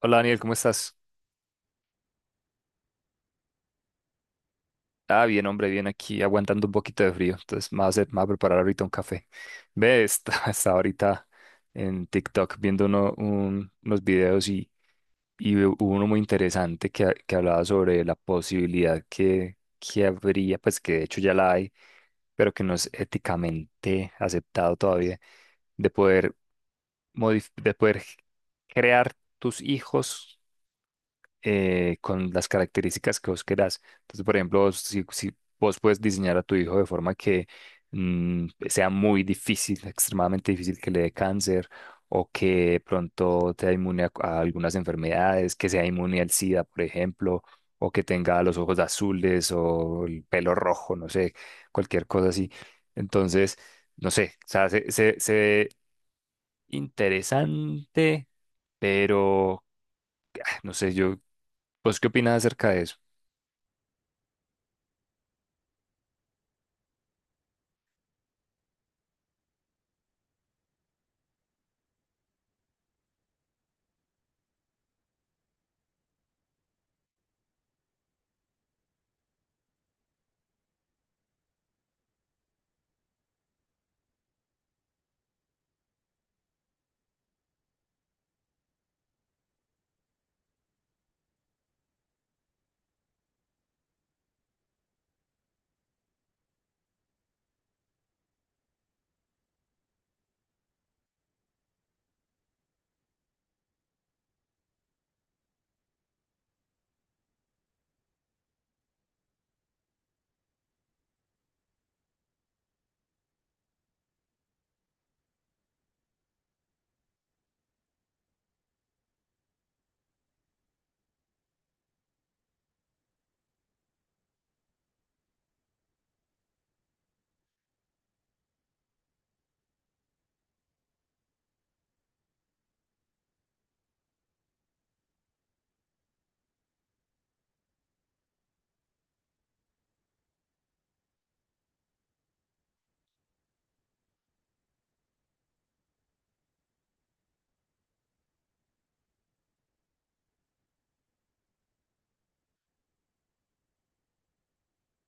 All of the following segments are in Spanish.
Hola Daniel, ¿cómo estás? Ah, bien, hombre, bien aquí, aguantando un poquito de frío. Entonces, me voy a preparar ahorita un café. Ve, estaba ahorita en TikTok viendo unos videos y hubo uno muy interesante que, que hablaba sobre la posibilidad que habría, pues que de hecho ya la hay, pero que no es éticamente aceptado todavía, de poder, de poder crear tus hijos con las características que vos querás. Entonces, por ejemplo, si vos puedes diseñar a tu hijo de forma que sea muy difícil, extremadamente difícil que le dé cáncer o que de pronto sea inmune a algunas enfermedades, que sea inmune al SIDA, por ejemplo, o que tenga los ojos azules o el pelo rojo, no sé, cualquier cosa así. Entonces, no sé, o sea, se ve interesante, pero no sé, yo, ¿vos qué opinas acerca de eso?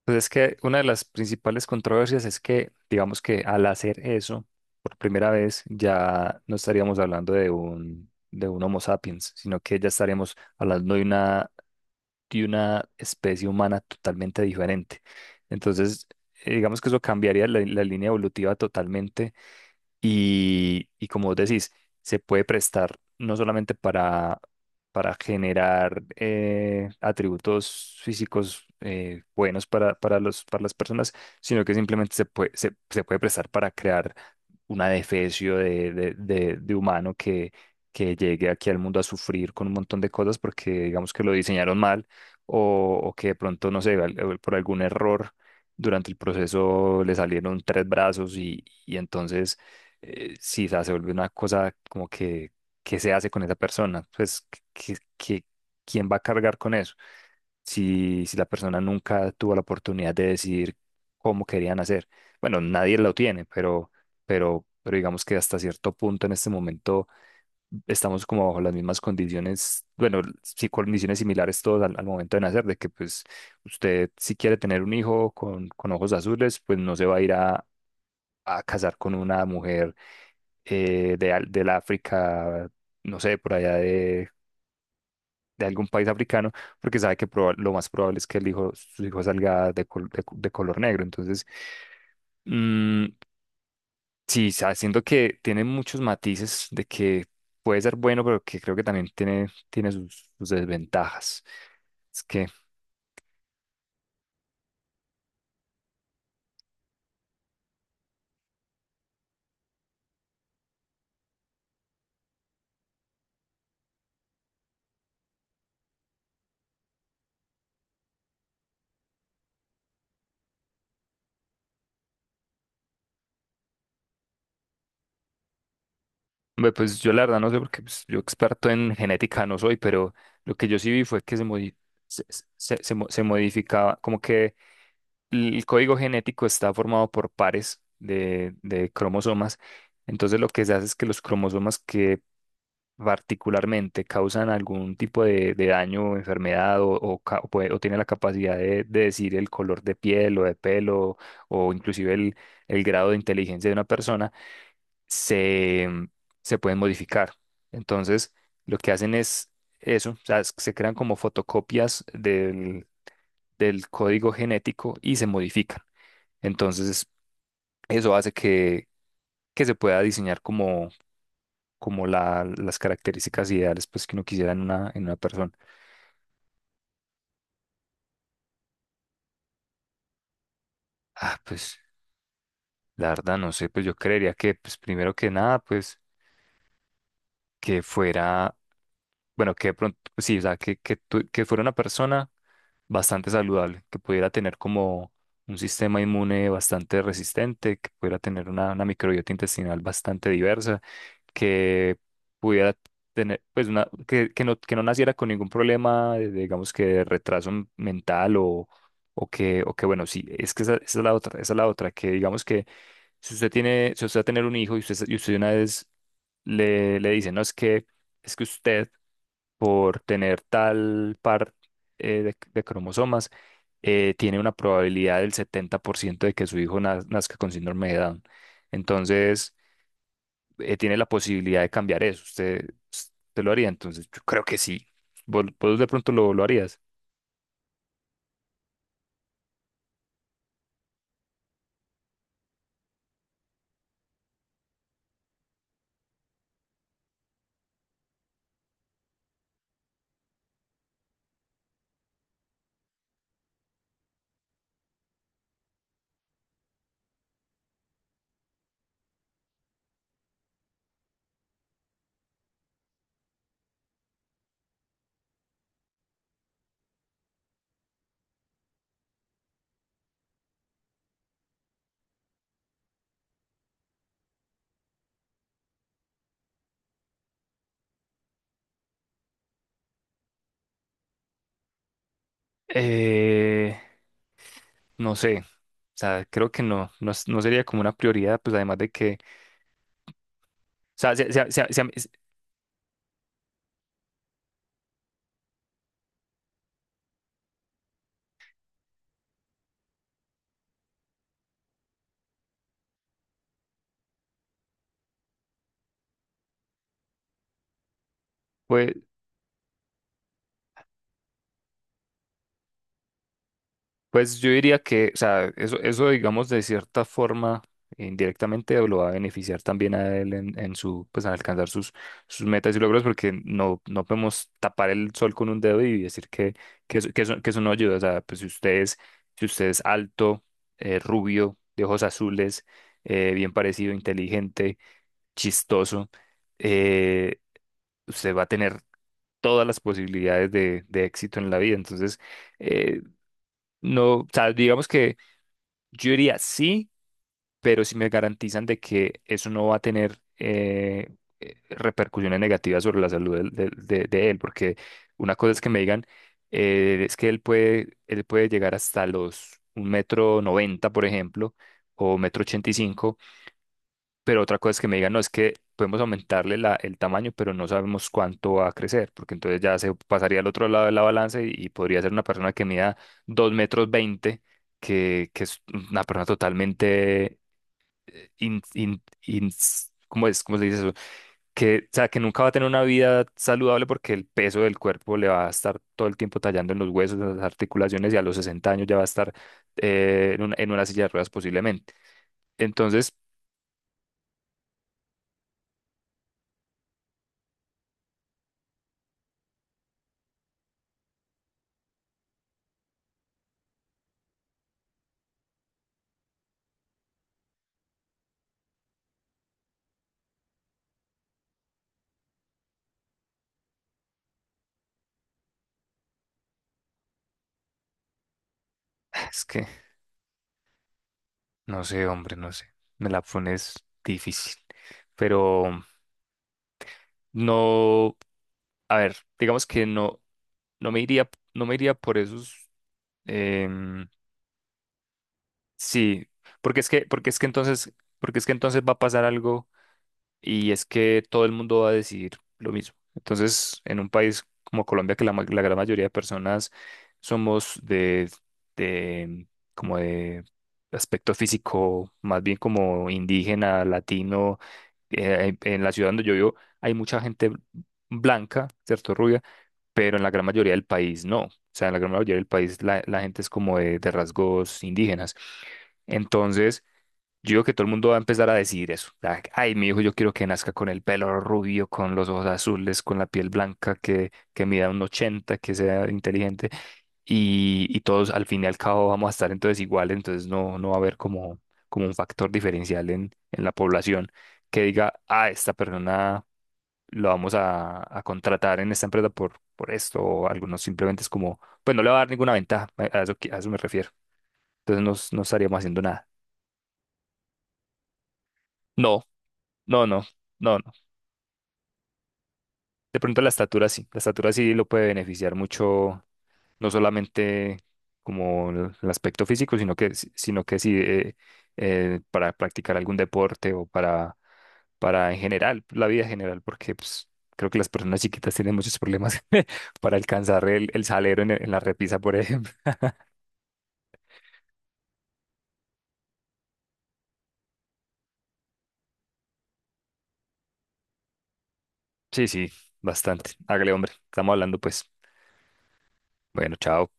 Pues es que una de las principales controversias es que, digamos que al hacer eso, por primera vez, ya no estaríamos hablando de un, Homo sapiens, sino que ya estaríamos hablando de una especie humana totalmente diferente. Entonces, digamos que eso cambiaría la línea evolutiva totalmente y como vos decís, se puede prestar no solamente para, generar atributos físicos buenos para para las personas, sino que simplemente se puede prestar para crear una defecio de humano que llegue aquí al mundo a sufrir con un montón de cosas porque digamos que lo diseñaron mal o que de pronto, no sé, por algún error durante el proceso le salieron tres brazos y entonces sí, o sea, se vuelve una cosa como que, ¿qué se hace con esa persona? Pues, que, que, ¿quién va a cargar con eso? Si la persona nunca tuvo la oportunidad de decidir cómo querían hacer. Bueno, nadie lo tiene, pero, digamos que hasta cierto punto en este momento estamos como bajo las mismas condiciones, bueno, sí, condiciones similares todos al, momento de nacer, de que pues usted si quiere tener un hijo con ojos azules, pues no se va a ir a casar con una mujer del África. No sé, por allá de algún país africano, porque sabe que lo más probable es que su hijo salga de color negro. Entonces, mm, sí, siento que tiene muchos matices de que puede ser bueno, pero que creo que también tiene, sus desventajas. Es que, hombre, pues yo la verdad no sé, porque pues, yo experto en genética no soy, pero lo que yo sí vi fue que se, modi- se- se mo- se modificaba, como que el código genético está formado por pares de, cromosomas. Entonces lo que se hace es que los cromosomas que particularmente causan algún tipo de, daño o enfermedad o, ca- o puede- o tienen la capacidad de, decir el color de piel o de pelo o inclusive el grado de inteligencia de una persona, se, se pueden modificar. Entonces lo que hacen es eso, o sea, se crean como fotocopias del código genético y se modifican. Entonces, eso hace que, se pueda diseñar como las características ideales pues, que uno quisiera en una persona. Ah, pues la verdad no sé, pues yo creería que, pues primero que nada, pues que fuera, bueno, que de pronto, pues, sí, o sea, que fuera una persona bastante saludable, que pudiera tener como un sistema inmune bastante resistente, que pudiera tener una, microbiota intestinal bastante diversa, que pudiera tener, pues, que no naciera con ningún problema, digamos que de retraso mental bueno, sí, es que esa, es la otra, esa es la otra, que digamos que si usted tiene, si usted va a tener un hijo y usted, una vez le, dice, no, es que usted por tener tal par de cromosomas, tiene una probabilidad del 70% de que su hijo nazca con síndrome de Down. Entonces, tiene la posibilidad de cambiar eso. ¿Usted lo haría? Entonces, yo creo que sí. ¿Vos de pronto lo harías? Eh, no sé. O sea, creo que no sería como una prioridad, pues además de que, o sea, pues. Pues yo diría que, o sea, eso, digamos de cierta forma indirectamente lo va a beneficiar también a él en, su, pues en alcanzar sus, metas y logros porque no podemos tapar el sol con un dedo y decir que eso no ayuda. O sea, pues si usted es alto, rubio, de ojos azules, bien parecido, inteligente, chistoso, eh, usted va a tener todas las posibilidades de éxito en la vida. Entonces, eh, no, o sea, digamos que yo diría sí, pero si me garantizan de que eso no va a tener repercusiones negativas sobre la salud de él, porque una cosa es que me digan, es que él puede llegar hasta los un metro noventa, por ejemplo, o metro ochenta y cinco, pero otra cosa es que me digan, no, es que podemos aumentarle el tamaño, pero no sabemos cuánto va a crecer, porque entonces ya se pasaría al otro lado de la balanza y podría ser una persona que mida 2 metros 20, que, es una persona totalmente, ¿cómo es? ¿Cómo se dice eso? Que, o sea, que nunca va a tener una vida saludable porque el peso del cuerpo le va a estar todo el tiempo tallando en los huesos, en las articulaciones y a los 60 años ya va a estar en una, silla de ruedas posiblemente. Entonces, es que... No sé, hombre, no sé. Me la pones difícil. Pero no, a ver, digamos que no, no me iría, no me iría, por esos. em, sí, porque es que entonces, porque es que entonces va a pasar algo y es que todo el mundo va a decidir lo mismo. Entonces, en un país como Colombia, que la gran mayoría de personas somos de, em, como de aspecto físico, más bien como indígena, latino en la ciudad donde yo vivo hay mucha gente blanca, ¿cierto? Rubia, pero en la gran mayoría del país no. O sea, en la gran mayoría del país la, gente es como de rasgos indígenas. Entonces, yo digo que todo el mundo va a empezar a decidir eso. Ay, mi hijo, yo quiero que nazca con el pelo rubio, con los ojos azules, con la piel blanca, que, mida un 80 que sea inteligente. Y todos al fin y al cabo vamos a estar entonces iguales, entonces no, va a haber como, un factor diferencial en la población que diga, esta persona lo vamos a contratar en esta empresa por esto, o algunos simplemente es como, pues no le va a dar ninguna ventaja, a eso, a eso me refiero. Entonces no estaríamos haciendo nada. No, no, no. No, no. De pronto la estatura sí lo puede beneficiar mucho, no solamente como el aspecto físico, sino que, si- sino que sí para practicar algún deporte o para en general, la vida en general, porque pues, creo que las personas chiquitas tienen muchos problemas para alcanzar el, salero en la repisa, por ejemplo. Sí, sí, bastante. Hágale, hombre, estamos hablando pues. Bueno, chao.